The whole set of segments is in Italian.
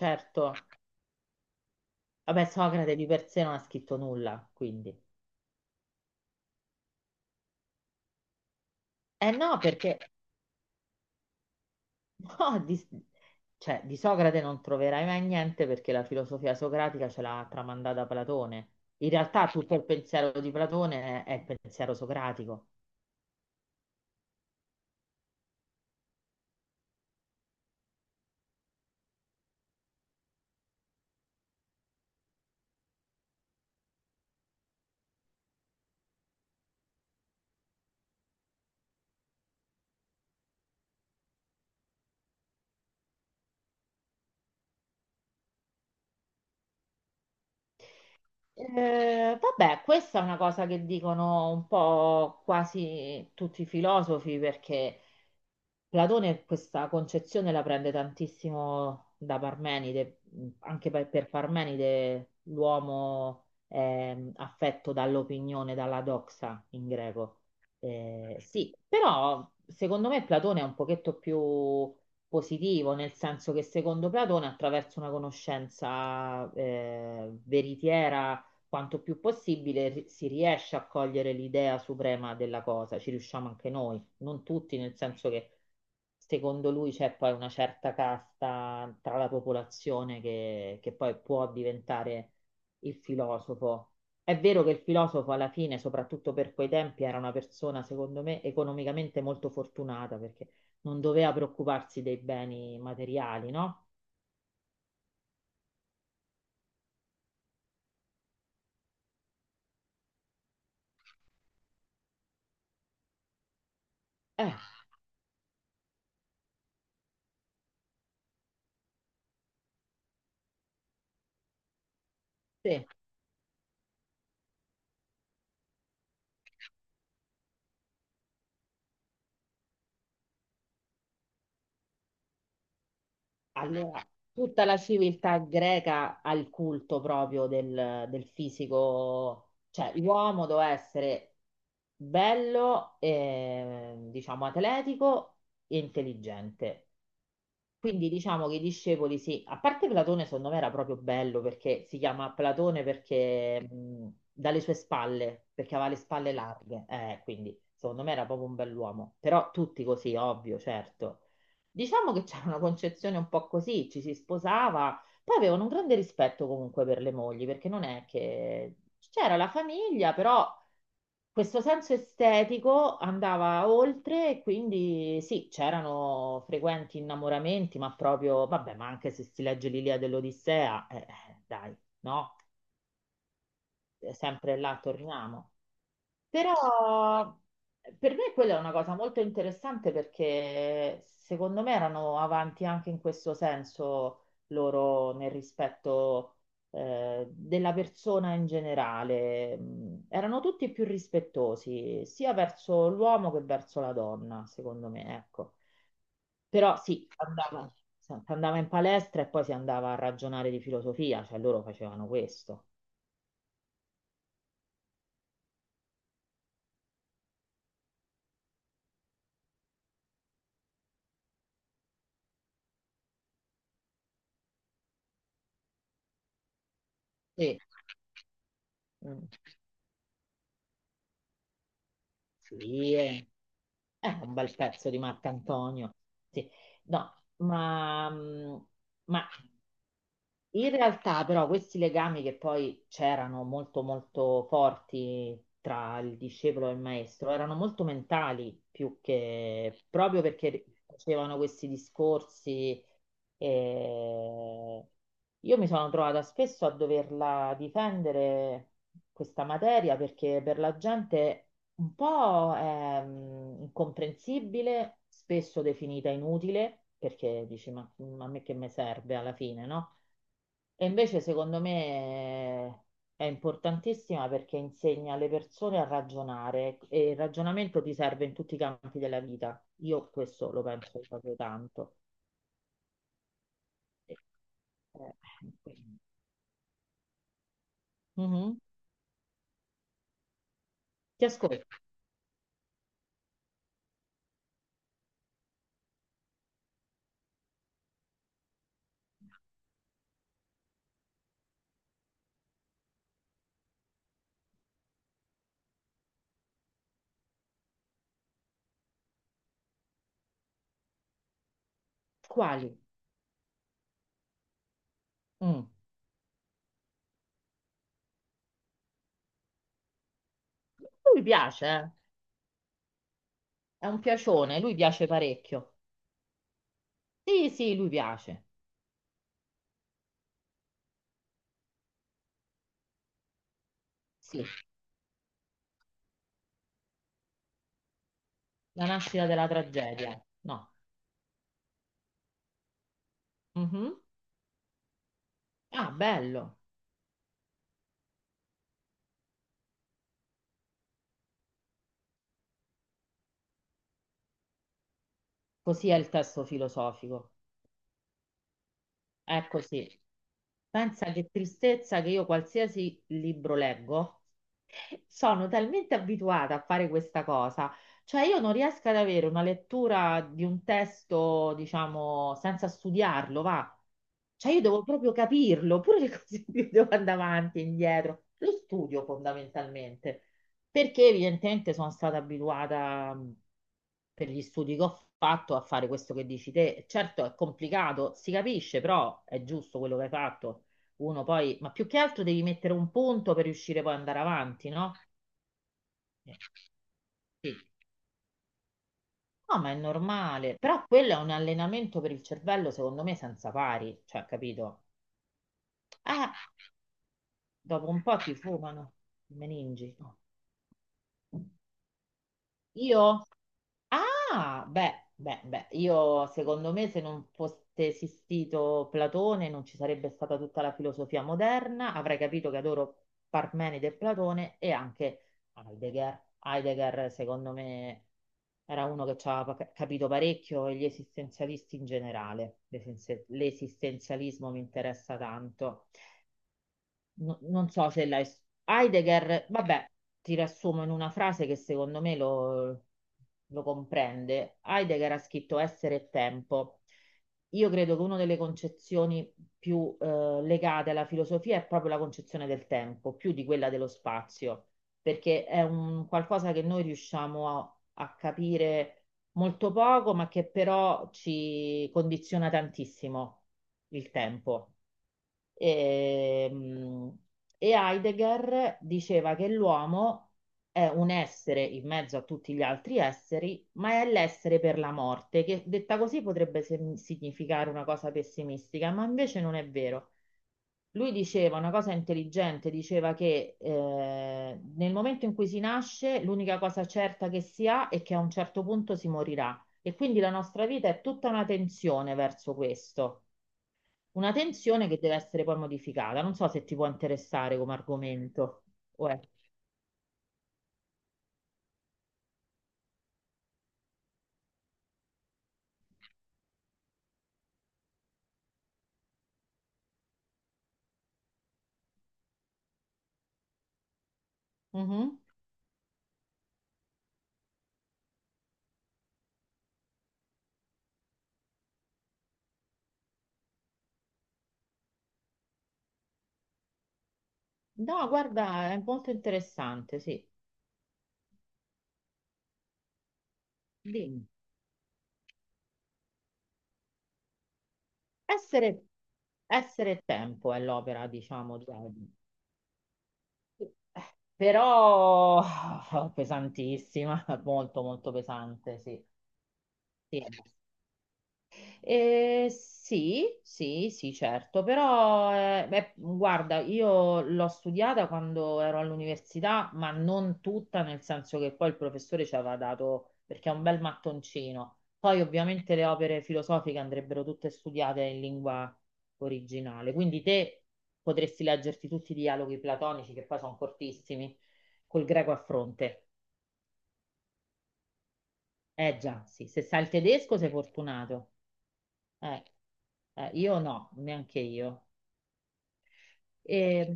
Certo, vabbè, Socrate di per sé non ha scritto nulla, quindi. Eh no, perché no, di, cioè, di Socrate non troverai mai niente perché la filosofia socratica ce l'ha tramandata Platone. In realtà tutto il pensiero di Platone è il pensiero socratico. Vabbè, questa è una cosa che dicono un po' quasi tutti i filosofi perché Platone questa concezione la prende tantissimo da Parmenide, anche per Parmenide l'uomo è affetto dall'opinione, dalla doxa in greco. Sì, però secondo me Platone è un pochetto più positivo, nel senso che secondo Platone attraverso una conoscenza veritiera quanto più possibile si riesce a cogliere l'idea suprema della cosa, ci riusciamo anche noi non tutti, nel senso che secondo lui c'è poi una certa casta tra la popolazione che poi può diventare il filosofo. È vero che il filosofo alla fine, soprattutto per quei tempi, era una persona, secondo me, economicamente molto fortunata perché non doveva preoccuparsi dei beni materiali, no? Eh, sì. Allora, tutta la civiltà greca ha il culto proprio del fisico, cioè l'uomo doveva essere bello, diciamo atletico e intelligente. Quindi diciamo che i discepoli sì, a parte Platone secondo me era proprio bello perché si chiama Platone perché dalle sue spalle, perché aveva le spalle larghe, quindi secondo me era proprio un bell'uomo, però tutti così, ovvio, certo. Diciamo che c'era una concezione un po' così, ci si sposava, poi avevano un grande rispetto comunque per le mogli, perché non è che c'era la famiglia, però questo senso estetico andava oltre, e quindi sì, c'erano frequenti innamoramenti, ma proprio, vabbè, ma anche se si legge l'Ilia dell'Odissea, dai, no? Sempre là torniamo. Però per me quella è una cosa molto interessante perché secondo me erano avanti anche in questo senso loro nel rispetto della persona in generale. Mm, erano tutti più rispettosi sia verso l'uomo che verso la donna, secondo me, ecco. Però sì, si andava in palestra e poi si andava a ragionare di filosofia, cioè loro facevano questo. Sì. Mm. Sì, eh. Un bel pezzo di Marcantonio. Sì. No, ma, mm, ma in realtà però questi legami che poi c'erano molto molto forti tra il discepolo e il maestro erano molto mentali più che proprio perché facevano questi discorsi e io mi sono trovata spesso a doverla difendere questa materia perché per la gente un po' è mm, incomprensibile, spesso definita inutile perché dici ma a me che mi serve alla fine, no? E invece secondo me è importantissima perché insegna alle persone a ragionare e il ragionamento ti serve in tutti i campi della vita. Io questo lo penso proprio tanto. E- eh, quindi- Mhm. Ti ascolto. Quali? Mm. Lui piace, eh. È un piacione, lui piace parecchio. Sì, sì, lui piace. Sì, la nascita della tragedia. No. Mhm. Ah, bello. Così è il testo filosofico. È così. Pensa che tristezza che io qualsiasi libro leggo, sono talmente abituata a fare questa cosa, cioè io non riesco ad avere una lettura di un testo, diciamo, senza studiarlo, va. Cioè io devo proprio capirlo, pure le cose più devo andare avanti e indietro. Lo studio fondamentalmente, perché evidentemente sono stata abituata per gli studi che ho fatto a fare questo che dici te. Certo è complicato, si capisce, però è giusto quello che hai fatto uno poi, ma più che altro devi mettere un punto per riuscire poi ad andare avanti, no? Eh, sì. No, ma è normale. Però quello è un allenamento per il cervello, secondo me, senza pari, cioè, capito? Eh, dopo un po' ti fumano i meningi. Io? Ah, beh, beh, beh, io secondo me se non fosse esistito Platone non ci sarebbe stata tutta la filosofia moderna, avrei capito che adoro Parmenide e Platone e anche Heidegger. Heidegger secondo me era uno che ci ha capito parecchio e gli esistenzialisti in generale. L'esistenzialismo mi interessa tanto, non so se l'hai... Heidegger, vabbè, ti riassumo in una frase che secondo me lo comprende. Heidegger ha scritto Essere e tempo. Io credo che una delle concezioni più legate alla filosofia è proprio la concezione del tempo, più di quella dello spazio, perché è un qualcosa che noi riusciamo a capire molto poco, ma che però ci condiziona tantissimo il tempo. Ehm, E Heidegger diceva che l'uomo è un essere in mezzo a tutti gli altri esseri, ma è l'essere per la morte, che detta così potrebbe significare una cosa pessimistica, ma invece non è vero. Lui diceva una cosa intelligente, diceva che nel momento in cui si nasce, l'unica cosa certa che si ha è che a un certo punto si morirà. E quindi la nostra vita è tutta una tensione verso questo. Una tensione che deve essere poi modificata. Non so se ti può interessare come argomento. o è- Mhm. No, guarda, è molto interessante, sì. Dimmi. Essere, essere e tempo è l'opera, diciamo, di Heidi. Però pesantissima, molto molto pesante, sì. Sì. Sì, sì, sì, certo, però beh, guarda, io l'ho studiata quando ero all'università, ma non tutta, nel senso che poi il professore ci aveva dato, perché è un bel mattoncino. Poi ovviamente le opere filosofiche andrebbero tutte studiate in lingua originale, quindi te potresti leggerti tutti i dialoghi platonici, che poi sono cortissimi, col greco a fronte. Eh già, sì, se sai il tedesco sei fortunato. Eh, io no, neanche io. E,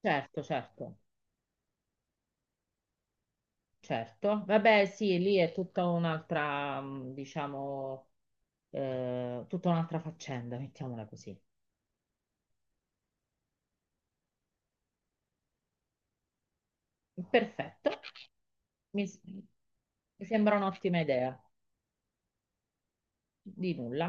certo, certo, certo. Vabbè, sì, lì è tutta un'altra, mm, diciamo, tutta un'altra faccenda, mettiamola così. Perfetto, mi sembra un'ottima idea. Di nulla.